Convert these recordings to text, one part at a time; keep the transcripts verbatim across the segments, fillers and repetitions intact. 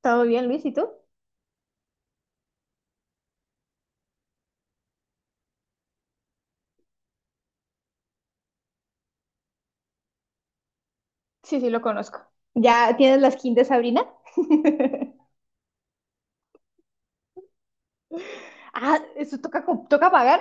¿Todo bien, Luis? ¿Y tú? Sí, sí, lo conozco. ¿Ya tienes la skin de Sabrina? Ah, ¿eso toca, co- toca pagar?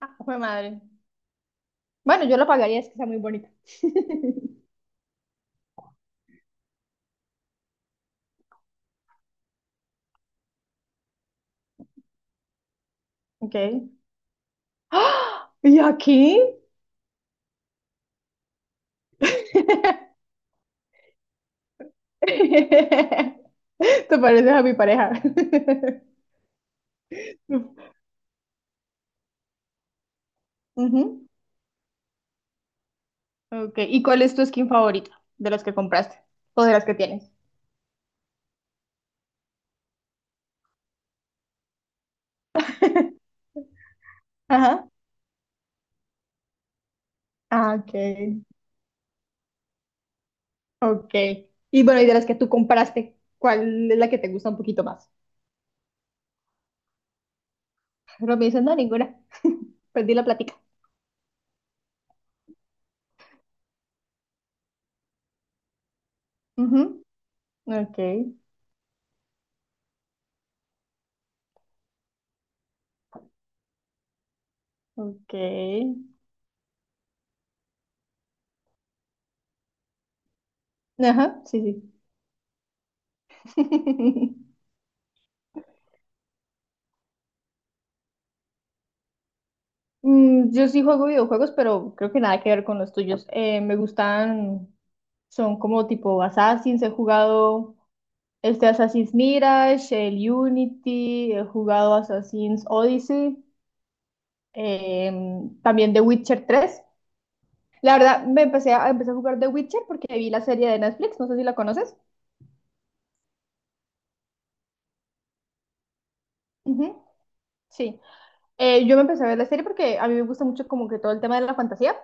Ah, fue madre. Bueno, yo lo pagaría, es que está muy bonita. Ok. ¡Ah! ¿Y aquí? Te pareces a mi pareja. Ujú. Ok. ¿Y cuál es tu skin favorita de las que compraste o de las que tienes? Ajá. Ah, ok. Ok. Y bueno, y de las que tú compraste, ¿cuál es la que te gusta un poquito más? Pero me dicen, no, ninguna. Perdí la plática. Ujú. Ok, ok. Ajá, sí, sí. Mm, Yo sí juego videojuegos, pero creo que nada que ver con los tuyos. Eh, me gustan, son como tipo Assassin's, he jugado este Assassin's Mirage, el Unity, he jugado Assassin's Odyssey, em, también The Witcher tres. La verdad, me empecé a, empecé a jugar The Witcher porque vi la serie de Netflix, no sé si la conoces. Ujú, sí. Eh, yo me empecé a ver la serie porque a mí me gusta mucho como que todo el tema de la fantasía.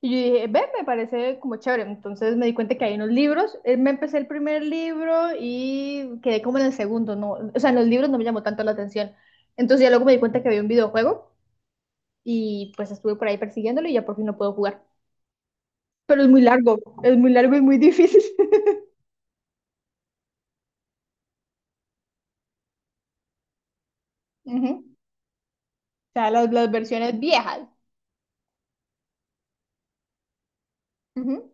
Y yo dije, ve, me parece como chévere. Entonces me di cuenta que hay unos libros. Eh, me empecé el primer libro y quedé como en el segundo, ¿no? O sea, en los libros no me llamó tanto la atención. Entonces ya luego me di cuenta que había un videojuego y pues estuve por ahí persiguiéndolo y ya por fin lo puedo jugar. Pero es muy largo, es muy largo y muy difícil. Ujú. O sea, las, las versiones viejas. Ujú.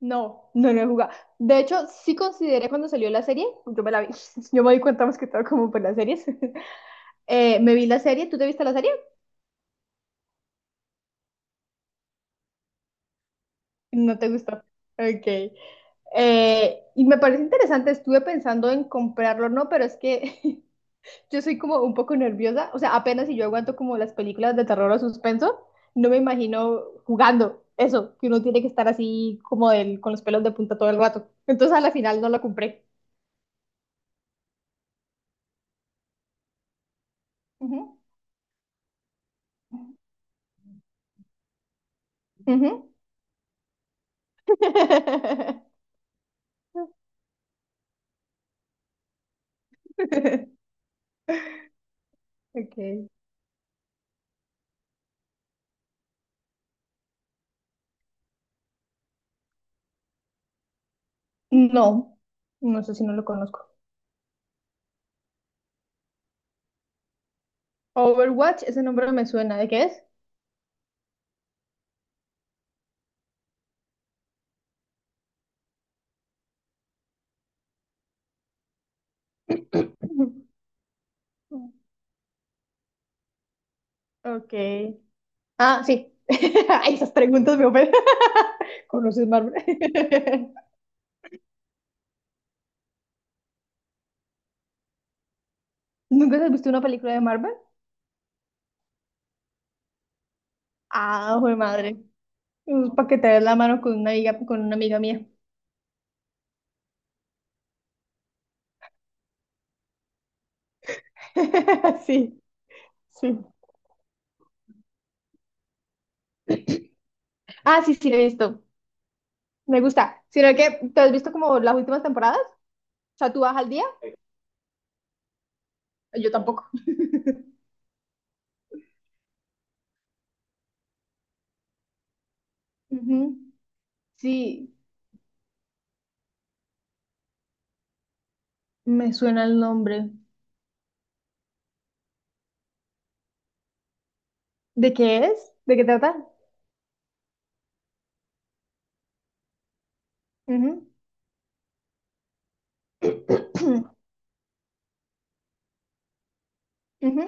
No, no lo he jugado. De hecho, sí consideré cuando salió la serie, yo me la vi, yo me di cuenta más que todo como por las series. Eh, me vi la serie, ¿tú te viste la serie? No te gustó. Ok. Eh, y me parece interesante, estuve pensando en comprarlo, ¿no? Pero es que yo soy como un poco nerviosa, o sea, apenas si yo aguanto como las películas de terror o suspenso, no me imagino jugando eso, que uno tiene que estar así como del, con los pelos de punta todo el rato. Entonces a la final no lo compré. Ujú, ujú. Okay. No, no sé si no lo conozco. Overwatch, ese nombre me suena. ¿De qué es? Okay. Ah, sí. Ay, esas preguntas me ofenden. ¿Conoces Marvel? ¿Nunca has visto una película de Marvel? Ah, joder, madre. Para que te des la mano con una amiga, con una amiga mía. Sí, sí. Ah, sí, sí, lo he visto. Me gusta. Sino que, ¿te has visto como las últimas temporadas? O sea, ¿tú vas al día? Yo tampoco. Ujú. Sí, me suena el nombre. ¿De qué es? ¿De qué trata? Ujú. Ujú,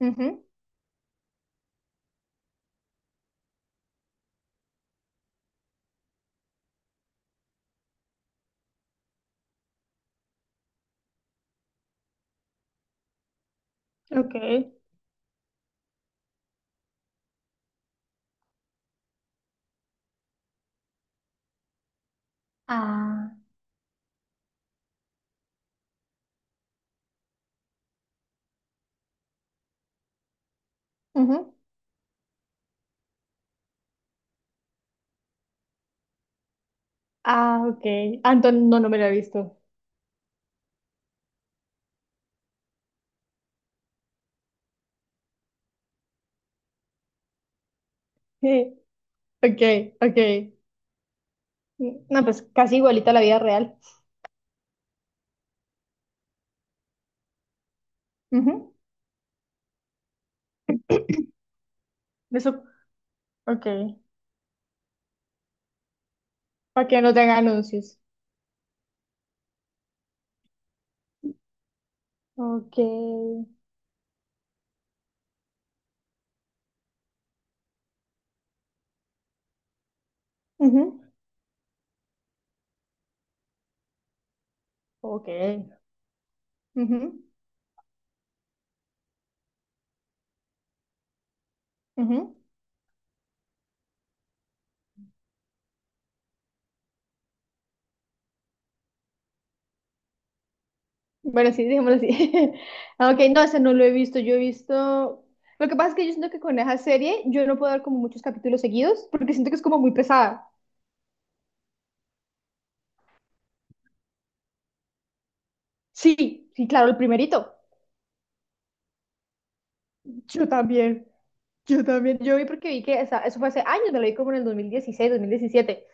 ujú. Ok. Ah, ujú. Ah, ok. Anton, no, no me la he visto. Sí. Ok, ok. No, pues casi igualita a la vida real. Ujú. Eso, ok. Para que no tenga anuncios. Ok. Ujú. Ok. Ujú, ujú. Bueno, sí, dejémoslo así. Ah, ok, no, ese no lo he visto. Yo he visto. Lo que pasa es que yo siento que con esa serie yo no puedo ver como muchos capítulos seguidos porque siento que es como muy pesada. Sí, sí, claro, el primerito. Yo también, yo también. Yo vi porque vi que esa- eso fue hace años, me lo vi como en el dos dos mil dieciséis dos mil diecisiete.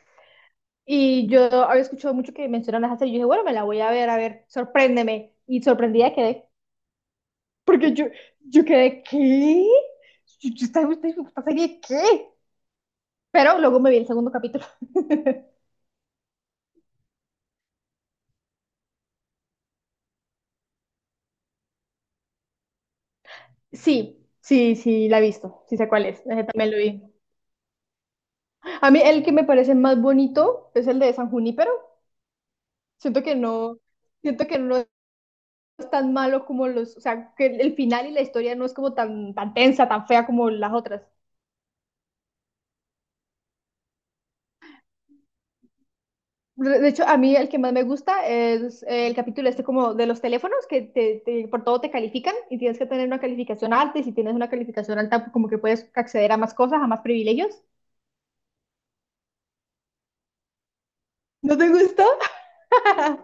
Y yo había escuchado mucho que mencionan esa serie. Yo dije, bueno, me la voy a ver, a ver, sorpréndeme. Y sorprendida quedé. Porque yo, yo, quedé, ¿qué? Yo, yo estaba- esta, esta serie, ¿qué? Pero luego me vi el segundo capítulo. Sí, sí, sí, la he visto, sí sé cuál es, ese también lo vi. A mí el que me parece más bonito es el de San Junípero. Siento que no, siento que no es tan malo como los, o sea, que el el final y la historia no es como tan, tan tensa, tan fea como las otras. De hecho, a mí el que más me gusta es eh, el capítulo este como de los teléfonos, que te, te- por todo te califican y tienes que tener una calificación alta y si tienes una calificación alta, pues como que puedes acceder a más cosas, a más privilegios. ¿No te gustó?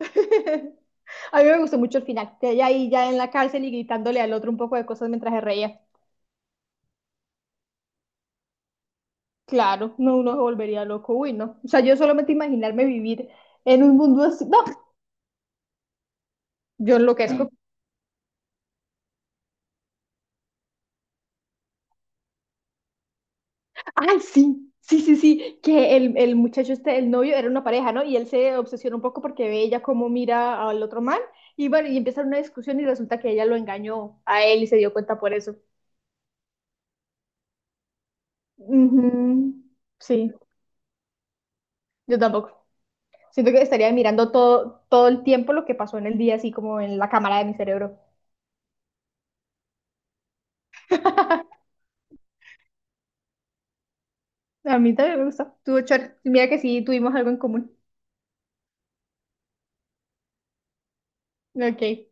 A mí me gustó mucho el final, que ella ahí ya en la cárcel y gritándole al otro un poco de cosas mientras se reía. Claro, no, uno se volvería loco, uy, no. O sea, yo solamente imaginarme vivir en un mundo así, no, yo enloquezco. Ay, sí, sí, sí, sí, que el, el muchacho este, el novio, era una pareja, ¿no? Y él se obsesiona un poco porque ve ella cómo mira al otro man y, bueno, y empiezan una discusión y resulta que ella lo engañó a él y se dio cuenta por eso. Ujú, sí, yo tampoco. Siento que estaría mirando todo, todo el tiempo lo que pasó en el día, así como en la cámara de mi cerebro. A mí también me gusta. Tú, Char, mira que sí, tuvimos algo en común. Ok.